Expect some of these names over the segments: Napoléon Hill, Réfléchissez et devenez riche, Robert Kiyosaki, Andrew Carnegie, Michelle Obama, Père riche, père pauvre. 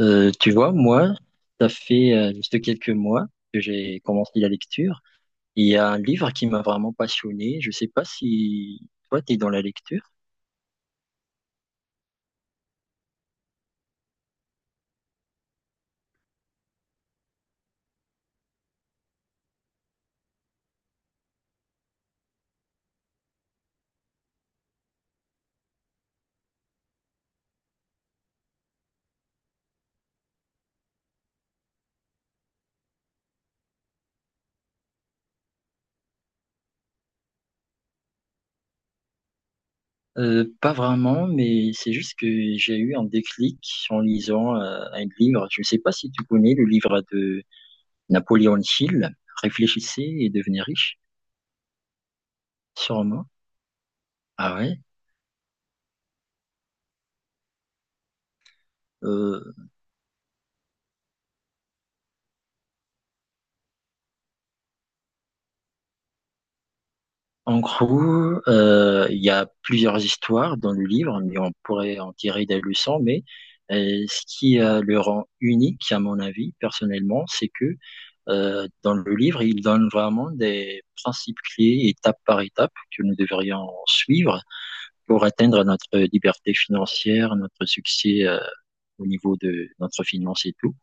Tu vois, moi, ça fait juste quelques mois que j'ai commencé la lecture. Il y a un livre qui m'a vraiment passionné. Je sais pas si toi, tu es dans la lecture. Pas vraiment, mais c'est juste que j'ai eu un déclic en lisant un livre. Je sais pas si tu connais le livre de Napoléon Hill, Réfléchissez et devenez riche, sûrement. Ah ouais? Euh, En gros, il y a plusieurs histoires dans le livre, mais on pourrait en tirer des leçons. Mais ce qui le rend unique, à mon avis, personnellement, c'est que dans le livre, il donne vraiment des principes clés, étape par étape, que nous devrions suivre pour atteindre notre liberté financière, notre succès au niveau de notre finance et tout.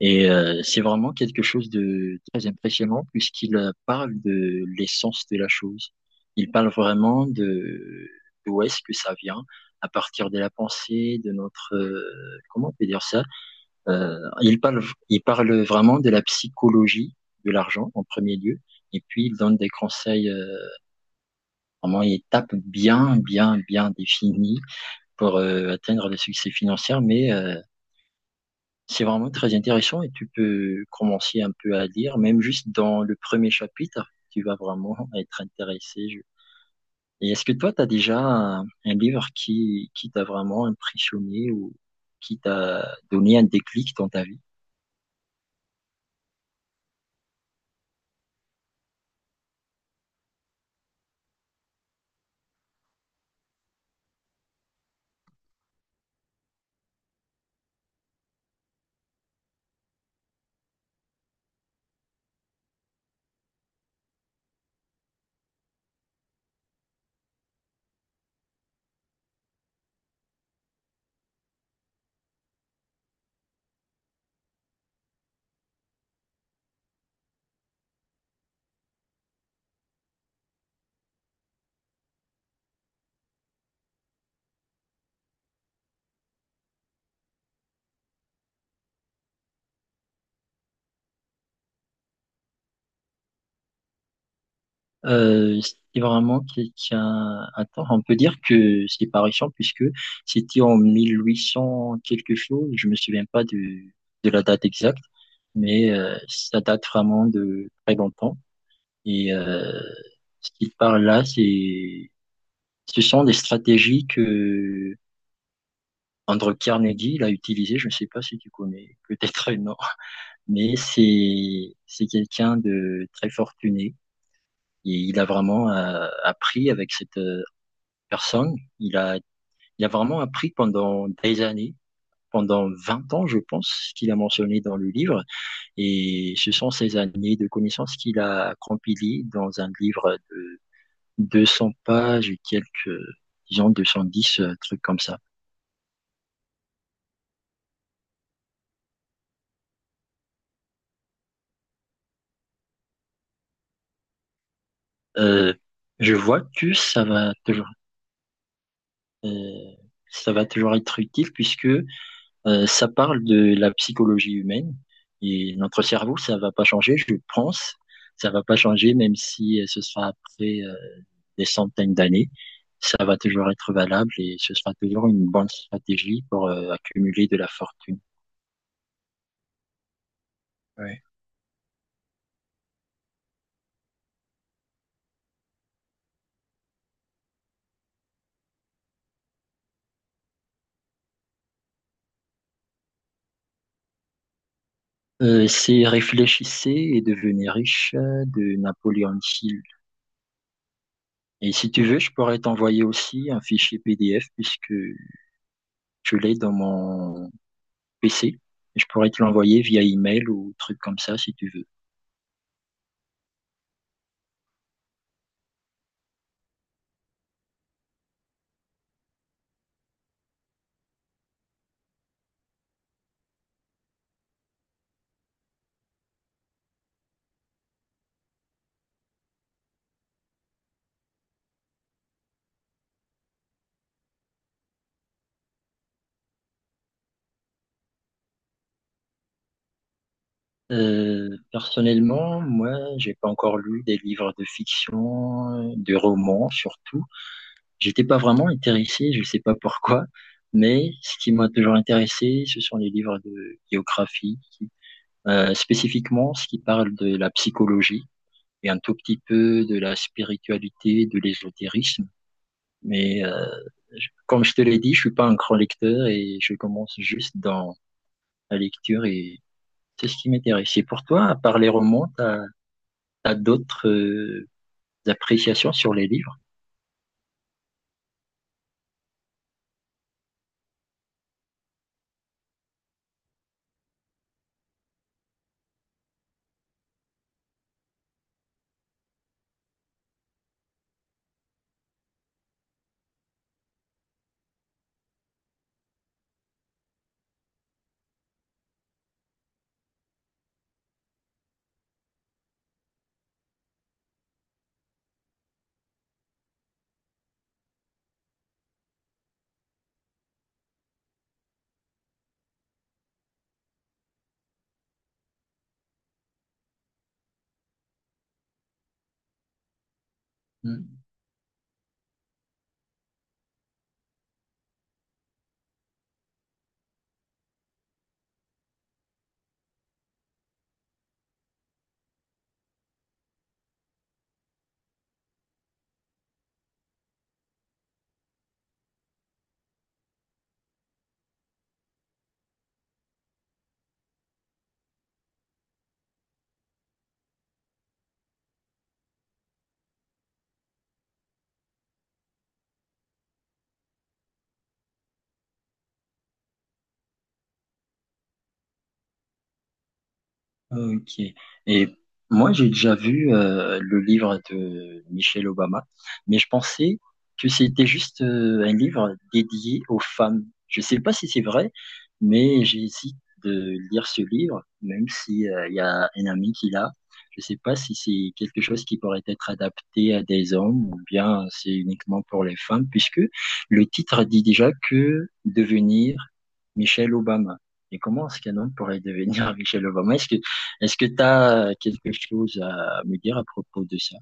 Et c'est vraiment quelque chose de très impressionnant puisqu'il parle de l'essence de la chose. Il parle vraiment de d'où est-ce que ça vient, à partir de la pensée, de notre comment on peut dire ça. Euh, il parle il parle vraiment de la psychologie de l'argent en premier lieu. Et puis il donne des conseils, vraiment étapes bien, bien, bien définies pour atteindre le succès financier, mais c'est vraiment très intéressant et tu peux commencer un peu à lire, même juste dans le premier chapitre, tu vas vraiment être intéressé. Et est-ce que toi, tu as déjà un livre qui t'a vraiment impressionné ou qui t'a donné un déclic dans ta vie? C'est vraiment quelqu'un... Attends, on peut dire que c'est pas récent puisque c'était en 1800 quelque chose, je me souviens pas de la date exacte, mais ça date vraiment de très longtemps. Et ce qu'il parle là, c'est, ce sont des stratégies que Andrew Carnegie l'a utilisé. Je ne sais pas si tu connais, peut-être non, mais c'est quelqu'un de très fortuné et il a vraiment appris avec cette personne. Il a vraiment appris pendant des années. Pendant 20 ans, je pense, qu'il a mentionné dans le livre, et ce sont ces années de connaissances qu'il a compilées dans un livre de 200 pages et quelques, disons 210, trucs comme ça. Euh, je vois que euh, ça va toujours être utile puisque ça parle de la psychologie humaine et notre cerveau, ça va pas changer, je pense. Ça va pas changer même si ce sera après des centaines d'années. Ça va toujours être valable et ce sera toujours une bonne stratégie pour accumuler de la fortune. Ouais. C'est Réfléchissez et devenez riche de Napoléon Hill. Et si tu veux, je pourrais t'envoyer aussi un fichier PDF puisque je l'ai dans mon PC. Je pourrais te l'envoyer via email ou truc comme ça si tu veux. Personnellement, moi, j'ai pas encore lu des livres de fiction, de romans surtout. J'étais pas vraiment intéressé, je sais pas pourquoi, mais ce qui m'a toujours intéressé, ce sont les livres de biographie, spécifiquement ce qui parle de la psychologie et un tout petit peu de la spiritualité, de l'ésotérisme. Mais comme je te l'ai dit, je suis pas un grand lecteur et je commence juste dans la lecture et c'est ce qui m'intéresse. Et pour toi, à part les romans, t'as d'autres appréciations sur les livres? Hmm. Ok. Et moi, j'ai déjà vu le livre de Michelle Obama, mais je pensais que c'était juste un livre dédié aux femmes. Je sais pas si c'est vrai, mais j'hésite de lire ce livre, même si il y a un ami qui l'a. Je sais pas si c'est quelque chose qui pourrait être adapté à des hommes ou bien c'est uniquement pour les femmes, puisque le titre dit déjà que devenir Michelle Obama. Et comment est-ce qu'un homme pourrait devenir Michelle Obama? Est-ce que tu as quelque chose à me dire à propos de ça?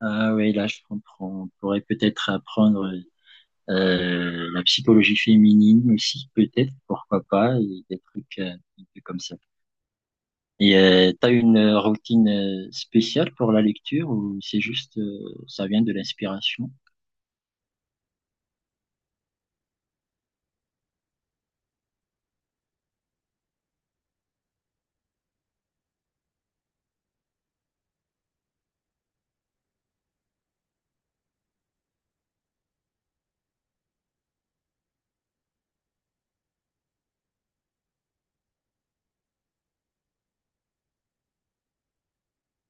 Ah oui, là, je comprends. On pourrait peut-être apprendre la psychologie féminine aussi, peut-être, pourquoi pas, et des trucs un peu comme ça. Et tu as une routine spéciale pour la lecture ou c'est juste, ça vient de l'inspiration?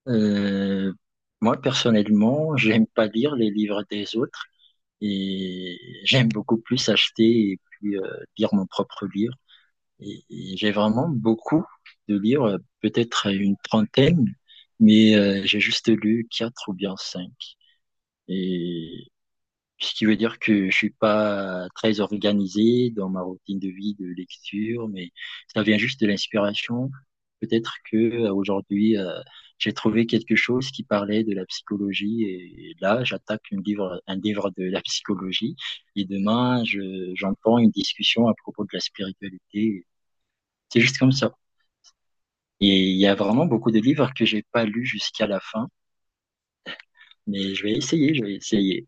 Euh, moi, personnellement, j'aime pas lire les livres des autres et j'aime beaucoup plus acheter et puis lire mon propre livre. Et j'ai vraiment beaucoup de livres, peut-être une trentaine, mais j'ai juste lu quatre ou bien cinq. Et ce qui veut dire que je suis pas très organisé dans ma routine de vie de lecture, mais ça vient juste de l'inspiration. Peut-être que aujourd'hui j'ai trouvé quelque chose qui parlait de la psychologie et là j'attaque un livre de la psychologie et demain j'entends une discussion à propos de la spiritualité. C'est juste comme ça. Et il y a vraiment beaucoup de livres que j'ai pas lus jusqu'à la fin, mais je vais essayer, je vais essayer.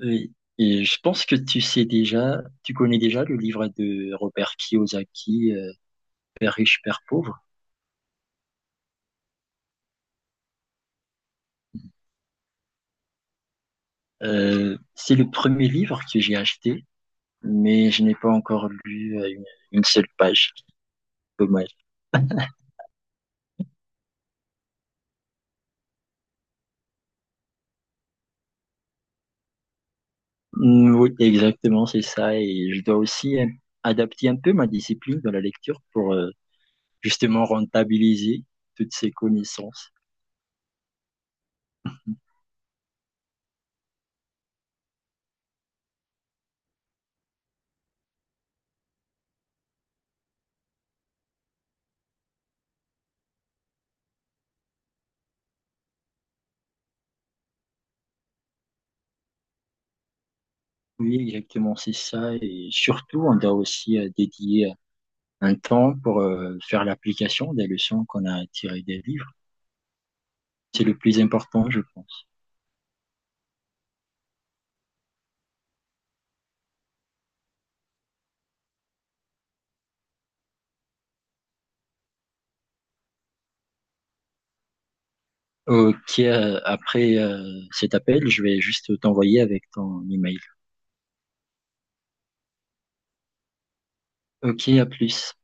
Oui. Et je pense que tu sais déjà, tu connais déjà le livre de Robert Kiyosaki, Père riche, père pauvre. C'est le premier livre que j'ai acheté, mais je n'ai pas encore lu une seule page. Dommage. Oui, exactement, c'est ça. Et je dois aussi adapter un peu ma discipline dans la lecture pour justement rentabiliser toutes ces connaissances. Oui, exactement, c'est ça. Et surtout, on doit aussi dédier un temps pour faire l'application des leçons qu'on a tirées des livres. C'est le plus important, je pense. Ok, après cet appel, je vais juste t'envoyer avec ton email. Ok, à plus.